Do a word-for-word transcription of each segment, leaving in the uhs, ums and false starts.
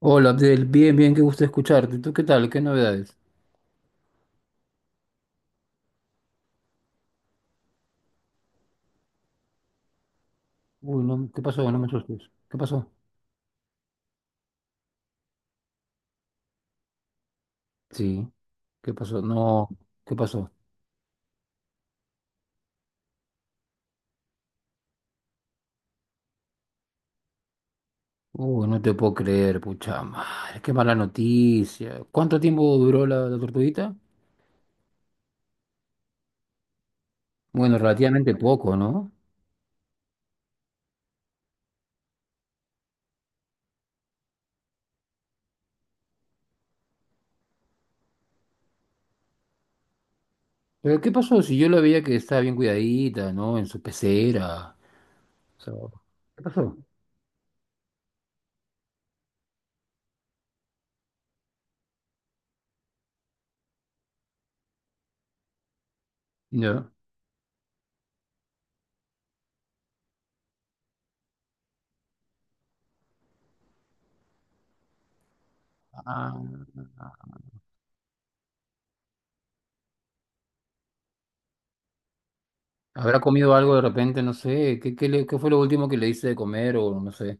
Hola, Abdel. Bien, bien, qué gusto escucharte. ¿Tú qué tal? ¿Qué novedades? Uy, no, ¿qué pasó? No me asustes. ¿Qué pasó? Sí, ¿qué pasó? No, ¿qué pasó? Uy, no te puedo creer, pucha madre. Qué mala noticia. ¿Cuánto tiempo duró la, la tortuguita? Bueno, relativamente poco, ¿no? Pero ¿qué pasó? Si yo la veía que estaba bien cuidadita, ¿no? En su pecera. O sea, ¿qué pasó? Ya. Ah, ¿habrá comido algo de repente? No sé. ¿Qué, qué le- qué fue lo último que le hice de comer o no sé?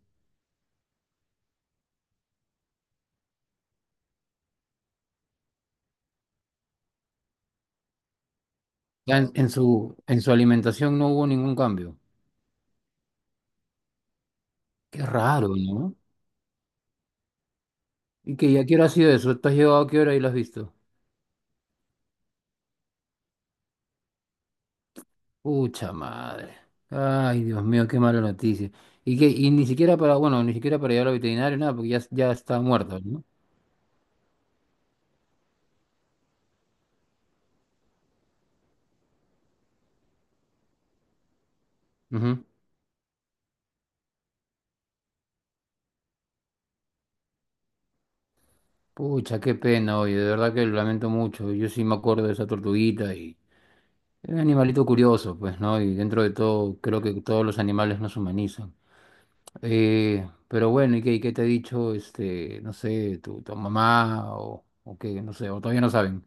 Ya en, en su, en su alimentación no hubo ningún cambio. Qué raro, ¿no? ¿Y que ya qué hora ha sido eso? ¿Tú has llegado a qué hora y lo has visto? Pucha madre. Ay, Dios mío, qué mala noticia. Y que, y ni siquiera para, bueno, ni siquiera para llevar al veterinario, nada, porque ya, ya está muerto, ¿no? Ujú. Pucha, qué pena, oye, de verdad que lo lamento mucho. Yo sí me acuerdo de esa tortuguita y era un animalito curioso, pues, ¿no? Y dentro de todo, creo que todos los animales nos humanizan. Eh, pero bueno, ¿y qué, y qué te ha dicho, este, no sé, tu, tu mamá o, o qué, no sé, o todavía no saben?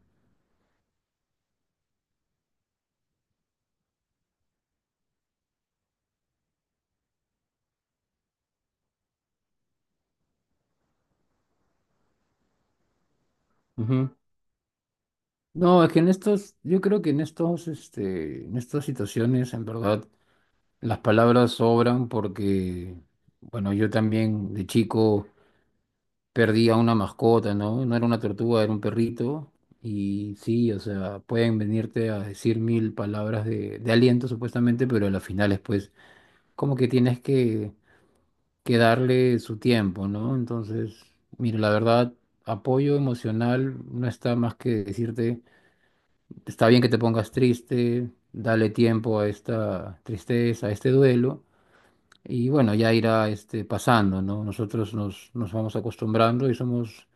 Ujú. No, es que en estos, yo creo que en estos, este, en estas situaciones, en verdad, las palabras sobran porque, bueno, yo también de chico perdí a una mascota, ¿no? No era una tortuga, era un perrito. Y sí, o sea, pueden venirte a decir mil palabras de, de aliento, supuestamente, pero a las finales, pues, como que tienes que que darle su tiempo, ¿no? Entonces, mire, la verdad, apoyo emocional no está más que decirte, está bien que te pongas triste, dale tiempo a esta tristeza, a este duelo, y bueno, ya irá este, pasando, ¿no? Nosotros nos, nos vamos acostumbrando y somos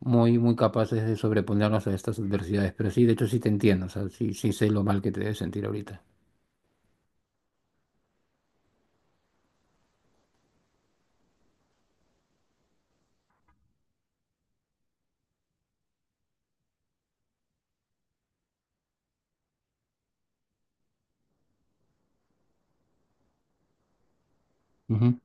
muy, muy capaces de sobreponernos a estas adversidades, pero sí, de hecho sí te entiendo, o sea, sí, sí sé lo mal que te debes sentir ahorita. Ujú.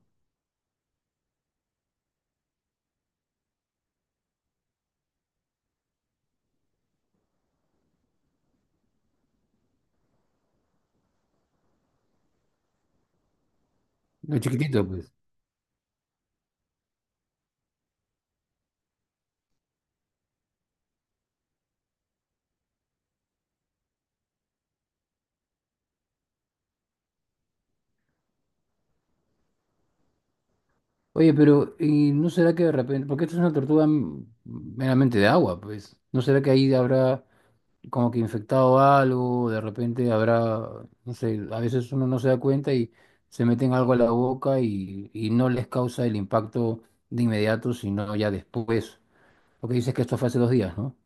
Lo chiquitito, pues. Oye, pero ¿y no será que de repente, porque esta es una tortuga m- meramente de agua, pues, ¿no será que ahí habrá como que infectado algo, de repente habrá, no sé, a veces uno no se da cuenta y se meten algo a la boca y, y no les causa el impacto de inmediato, sino ya después? Porque dices que esto fue hace dos días, ¿no?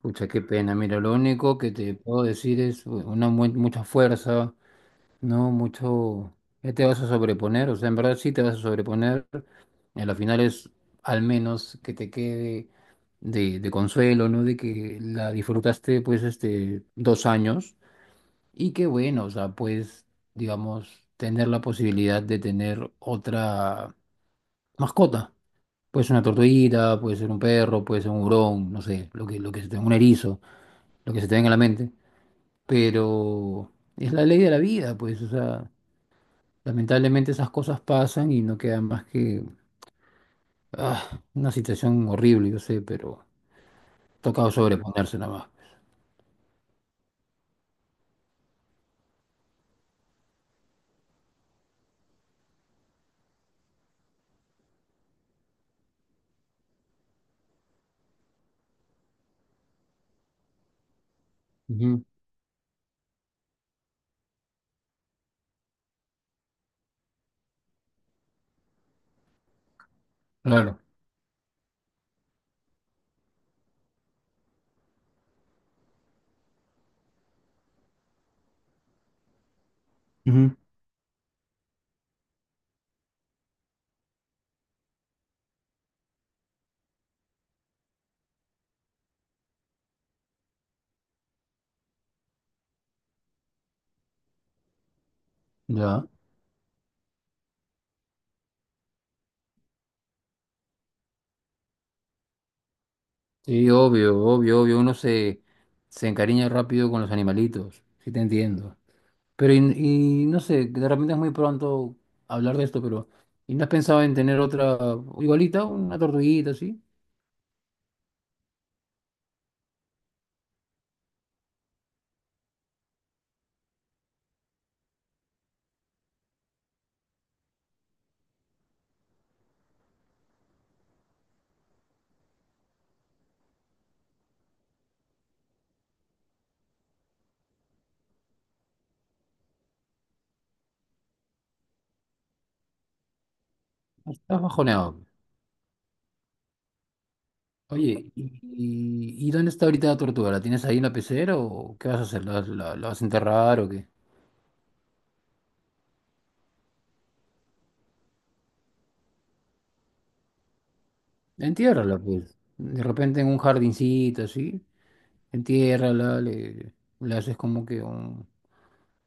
Pucha, qué pena, mira, lo único que te puedo decir es pues, una mu- mucha fuerza, ¿no? Mucho, ya te vas a sobreponer, o sea, en verdad sí te vas a sobreponer. Y a la final es al menos que te quede de, de consuelo, ¿no? De que la disfrutaste pues este dos años y que bueno, o sea, pues digamos, tener la posibilidad de tener otra mascota. Puede ser una tortuguita, puede ser un perro, puede ser un hurón, no sé, lo que, lo que se te, un erizo, lo que se te venga a la mente. Pero es la ley de la vida, pues, o sea, lamentablemente esas cosas pasan y no queda más que ah, una situación horrible, yo sé, pero... Tocado sobreponerse nada más. Ujú, claro. Ujú. Ya. Sí, obvio, obvio, obvio. Uno se, se encariña rápido con los animalitos. Sí, te entiendo. Pero, y, y no sé, de repente es muy pronto hablar de esto, pero. ¿Y no has pensado en tener otra igualita, una tortuguita así? Estás bajoneado. Oye, ¿y, y- y dónde está ahorita la tortuga? ¿La tienes ahí en la pecera o qué vas a hacer? ¿La, la- la vas a enterrar o qué? Entiérrala, pues. De repente en un jardincito así. Entiérrala, le, le haces como que un,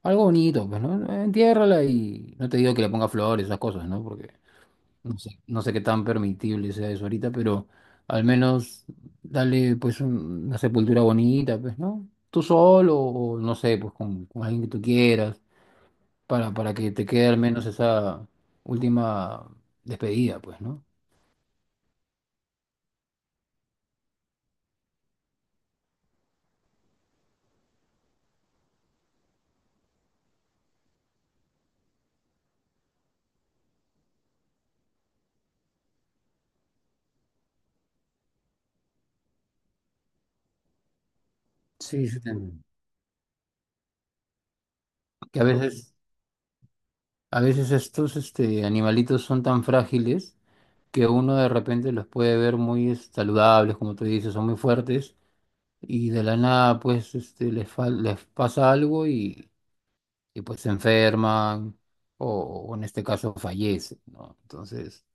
algo bonito, pues, ¿no? Entiérrala y no te digo que le ponga flores, esas cosas, ¿no? Porque no sé, no sé qué tan permitible sea eso ahorita, pero al menos dale, pues, un- una sepultura bonita, pues, ¿no? Tú solo o no sé, pues, con, con alguien que tú quieras, para, para que te quede al menos esa última despedida, pues, ¿no? Sí, sí, también. Que a veces, a veces estos, este, animalitos son tan frágiles que uno de repente los puede ver muy saludables, como tú dices, son muy fuertes, y de la nada pues este, les, fal- les pasa algo y, y, pues se enferman o, o en este caso fallecen, ¿no? Entonces,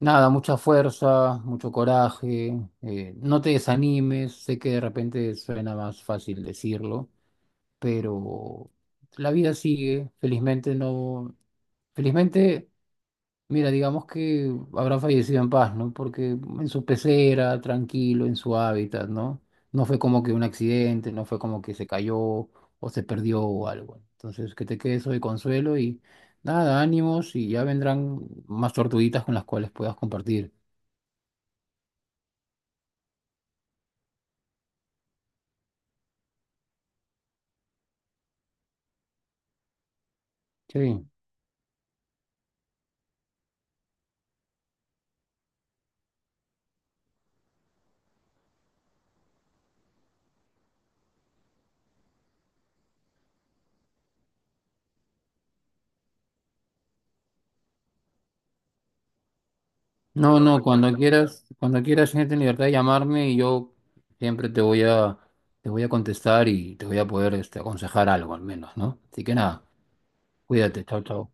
nada, mucha fuerza, mucho coraje, eh, no te desanimes, sé que de repente suena más fácil decirlo, pero la vida sigue, felizmente no, felizmente... Mira, digamos que habrá fallecido en paz, ¿no? Porque en su pecera, tranquilo, en su hábitat, ¿no? No fue como que un accidente, no fue como que se cayó o se perdió o algo. Entonces, que te quede eso de consuelo y nada, ánimos y ya vendrán más tortuguitas con las cuales puedas compartir. Sí. No, claro, no, cuando quieras, cuando quieras, gente en libertad de llamarme y yo siempre te voy a, te voy a contestar y te voy a poder, este, aconsejar algo al menos, ¿no? Así que nada, cuídate, chao, chao.